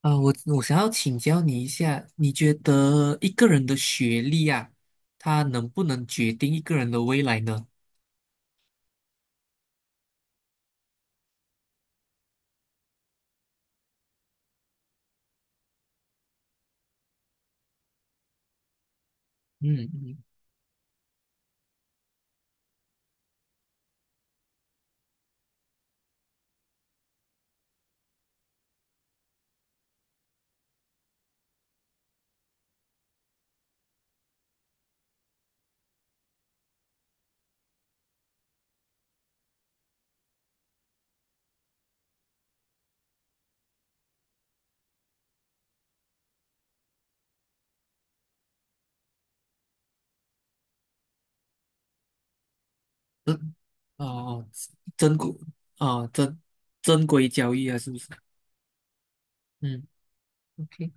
啊、我想要请教你一下，你觉得一个人的学历啊，他能不能决定一个人的未来呢？嗯嗯，哦，哦，真规哦，真真规交易啊，是不是？嗯，OK,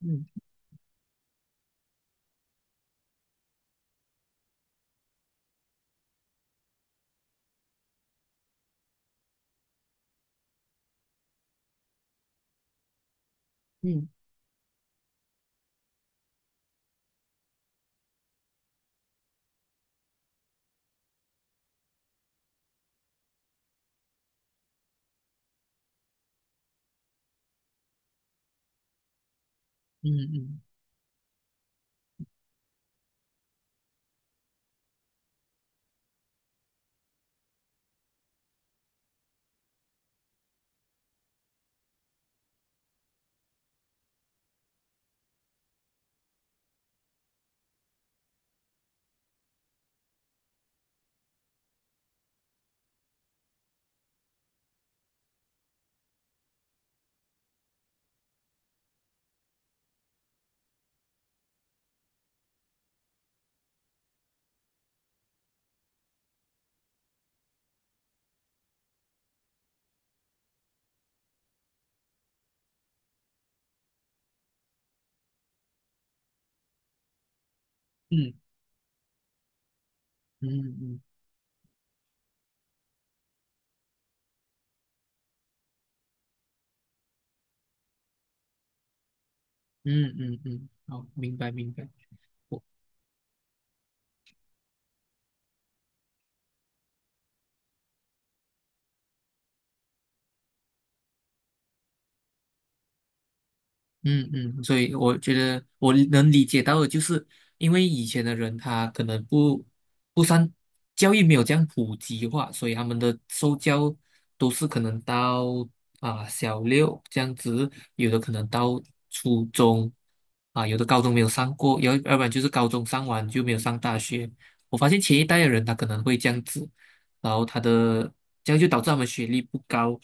嗯嗯嗯嗯嗯嗯嗯嗯嗯嗯，好，明白明白。嗯嗯，所以我觉得我能理解到的，就是因为以前的人他可能不善教育没有这样普及化，所以他们的受教都是可能到啊、小六这样子，有的可能到初中啊、有的高中没有上过，要不然就是高中上完就没有上大学。我发现前一代的人他可能会这样子，然后他的这样就导致他们学历不高，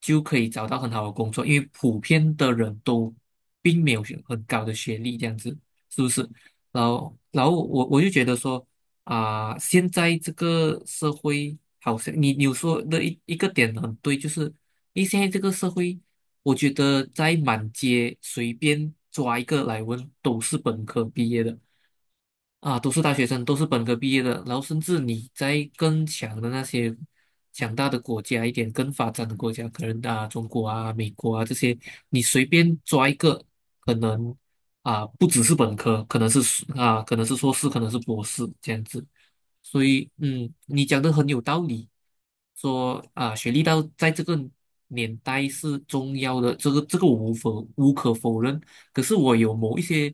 就可以找到很好的工作，因为普遍的人都并没有学很高的学历，这样子是不是？然后我就觉得说啊、现在这个社会好像你说的一个点很对，就是因为现在这个社会，我觉得在满街随便抓一个来问都是本科毕业的。啊，都是大学生，都是本科毕业的，然后甚至你在更强的那些强大的国家一点，更发展的国家，可能啊中国啊、美国啊这些，你随便抓一个，可能啊不只是本科，可能是啊可能是硕士，可能是博士这样子。所以，嗯，你讲的很有道理，说啊学历到在这个年代是重要的，这个这个我无可否认。可是我有某一些，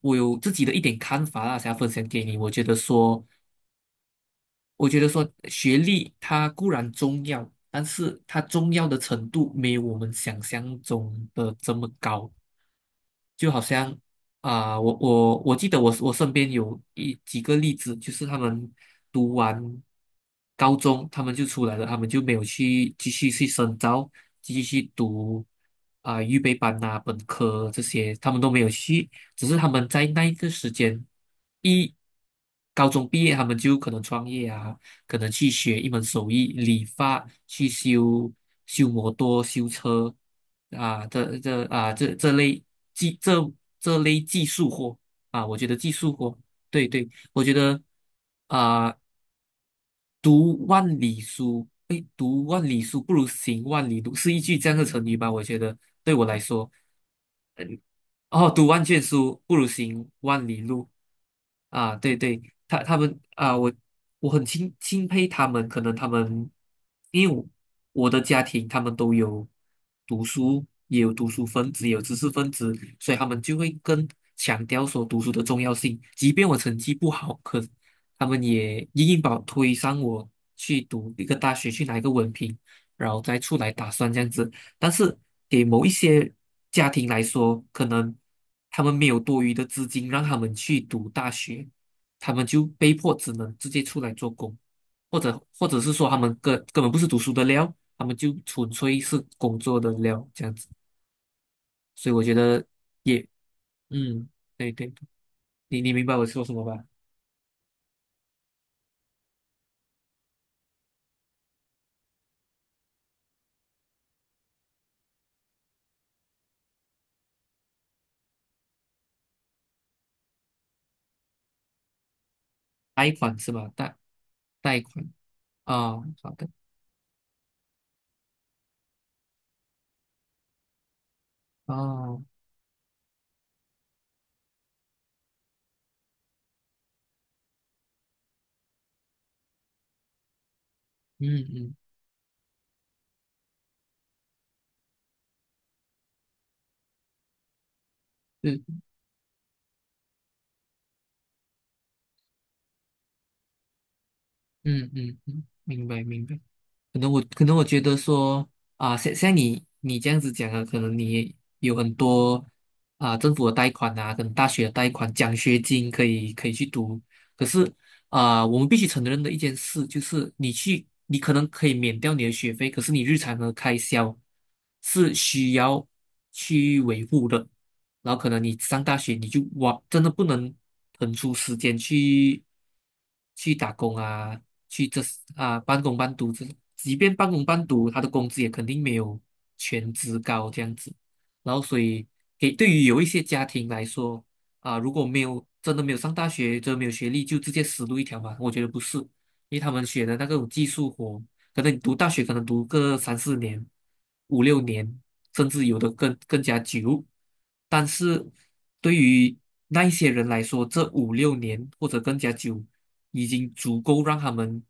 我有自己的一点看法啦，想要分享给你。我觉得说，我觉得说，学历它固然重要，但是它重要的程度没有我们想象中的这么高。就好像啊、我记得我身边有几个例子，就是他们读完高中，他们就出来了，他们就没有去继续去深造，继续去读啊、预备班啊本科这些，他们都没有去，只是他们在那一个时间一高中毕业，他们就可能创业啊，可能去学一门手艺，理发，去修摩托、修车啊，这类技这这类技术活啊，我觉得技术活，对对，我觉得啊，读万里书，哎，读万里书不如行万里路，是一句这样的成语吧？我觉得对我来说。嗯哦，读万卷书不如行万里路啊！对对，他们啊，我很钦佩他们，可能他们因为我的家庭，他们都有读书，也有读书分子，也有知识分子，所以他们就会更强调说读书的重要性。即便我成绩不好，可他们也硬把我推上去读一个大学，去拿一个文凭，然后再出来打算这样子。但是给某一些家庭来说，可能他们没有多余的资金让他们去读大学，他们就被迫只能直接出来做工，或者是说他们根本不是读书的料，他们就纯粹是工作的料这样子。所以我觉得也嗯，对对，你明白我说什么吧？贷款是吧？贷款啊，哦好的哦，嗯嗯，对，嗯嗯嗯，嗯嗯嗯嗯明白明白。可能我可能我觉得说啊，像像你这样子讲啊，可能你有很多啊政府的贷款啊，跟大学的贷款、奖学金可以可以去读。可是啊，我们必须承认的一件事就是，你去你可能可以免掉你的学费，可是你日常的开销是需要去维护的。然后可能你上大学你就哇，真的不能腾出时间去打工啊，去这啊半工半读这，即便半工半读，他的工资也肯定没有全职高这样子。然后所以给对于有一些家庭来说啊，如果没有真的没有上大学，真的没有学历，就直接死路一条嘛，我觉得不是，因为他们学的那个技术活。可能你读大学可能读个三四年、五六年，甚至有的更加久。但是对于那一些人来说，这五六年或者更加久，已经足够让他们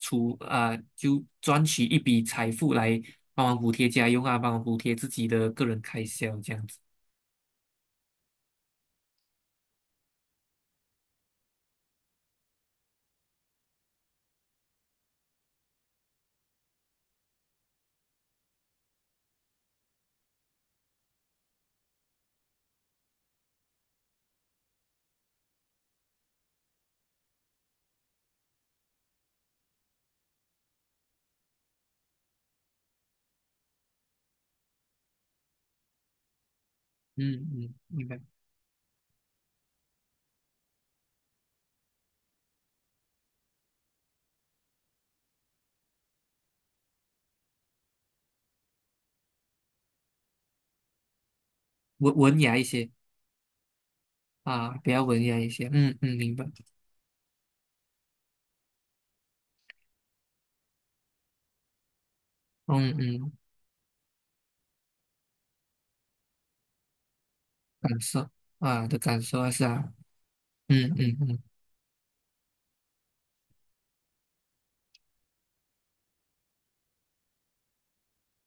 出啊、就赚取一笔财富来帮忙补贴家用啊，帮忙补贴自己的个人开销这样子。嗯嗯，明白。文雅一些啊，比较文雅一些。嗯嗯，明白。嗯嗯，感受啊的感受啊是啊。嗯嗯嗯。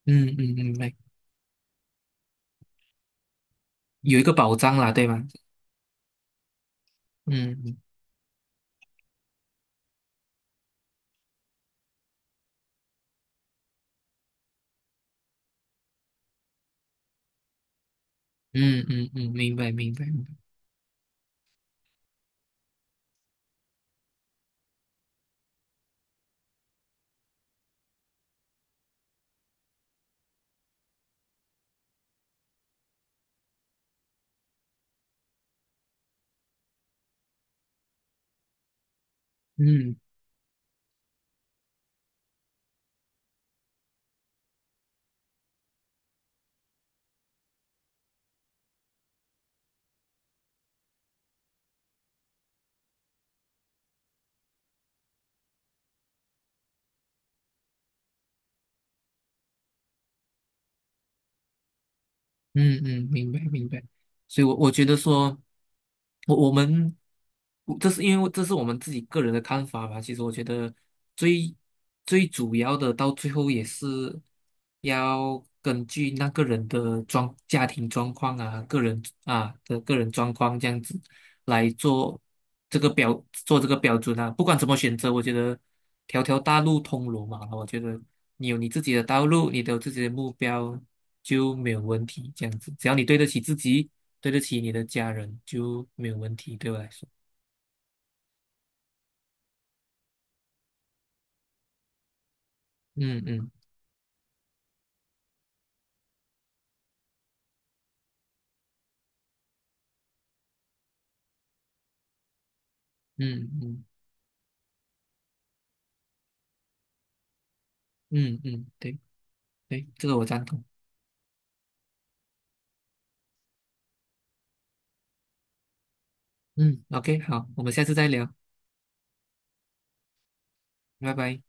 嗯嗯嗯，明白，有一个保障啦，对吗？嗯嗯嗯嗯，明白明白明白，嗯嗯嗯，明白明白。所以我，我觉得说，我们，这是因为这是我们自己个人的看法吧。其实，我觉得最最主要的，到最后也是要根据那个人的家庭状况啊，个人状况这样子。来做这个标做这个标准啊。不管怎么选择，我觉得条条大路通罗马了。我觉得你有你自己的道路，你都有自己的目标，就没有问题。这样子，只要你对得起自己，对得起你的家人，就没有问题。对我来说，嗯嗯嗯嗯嗯嗯，对对，这个我赞同。嗯，OK,好，我们下次再聊，拜拜。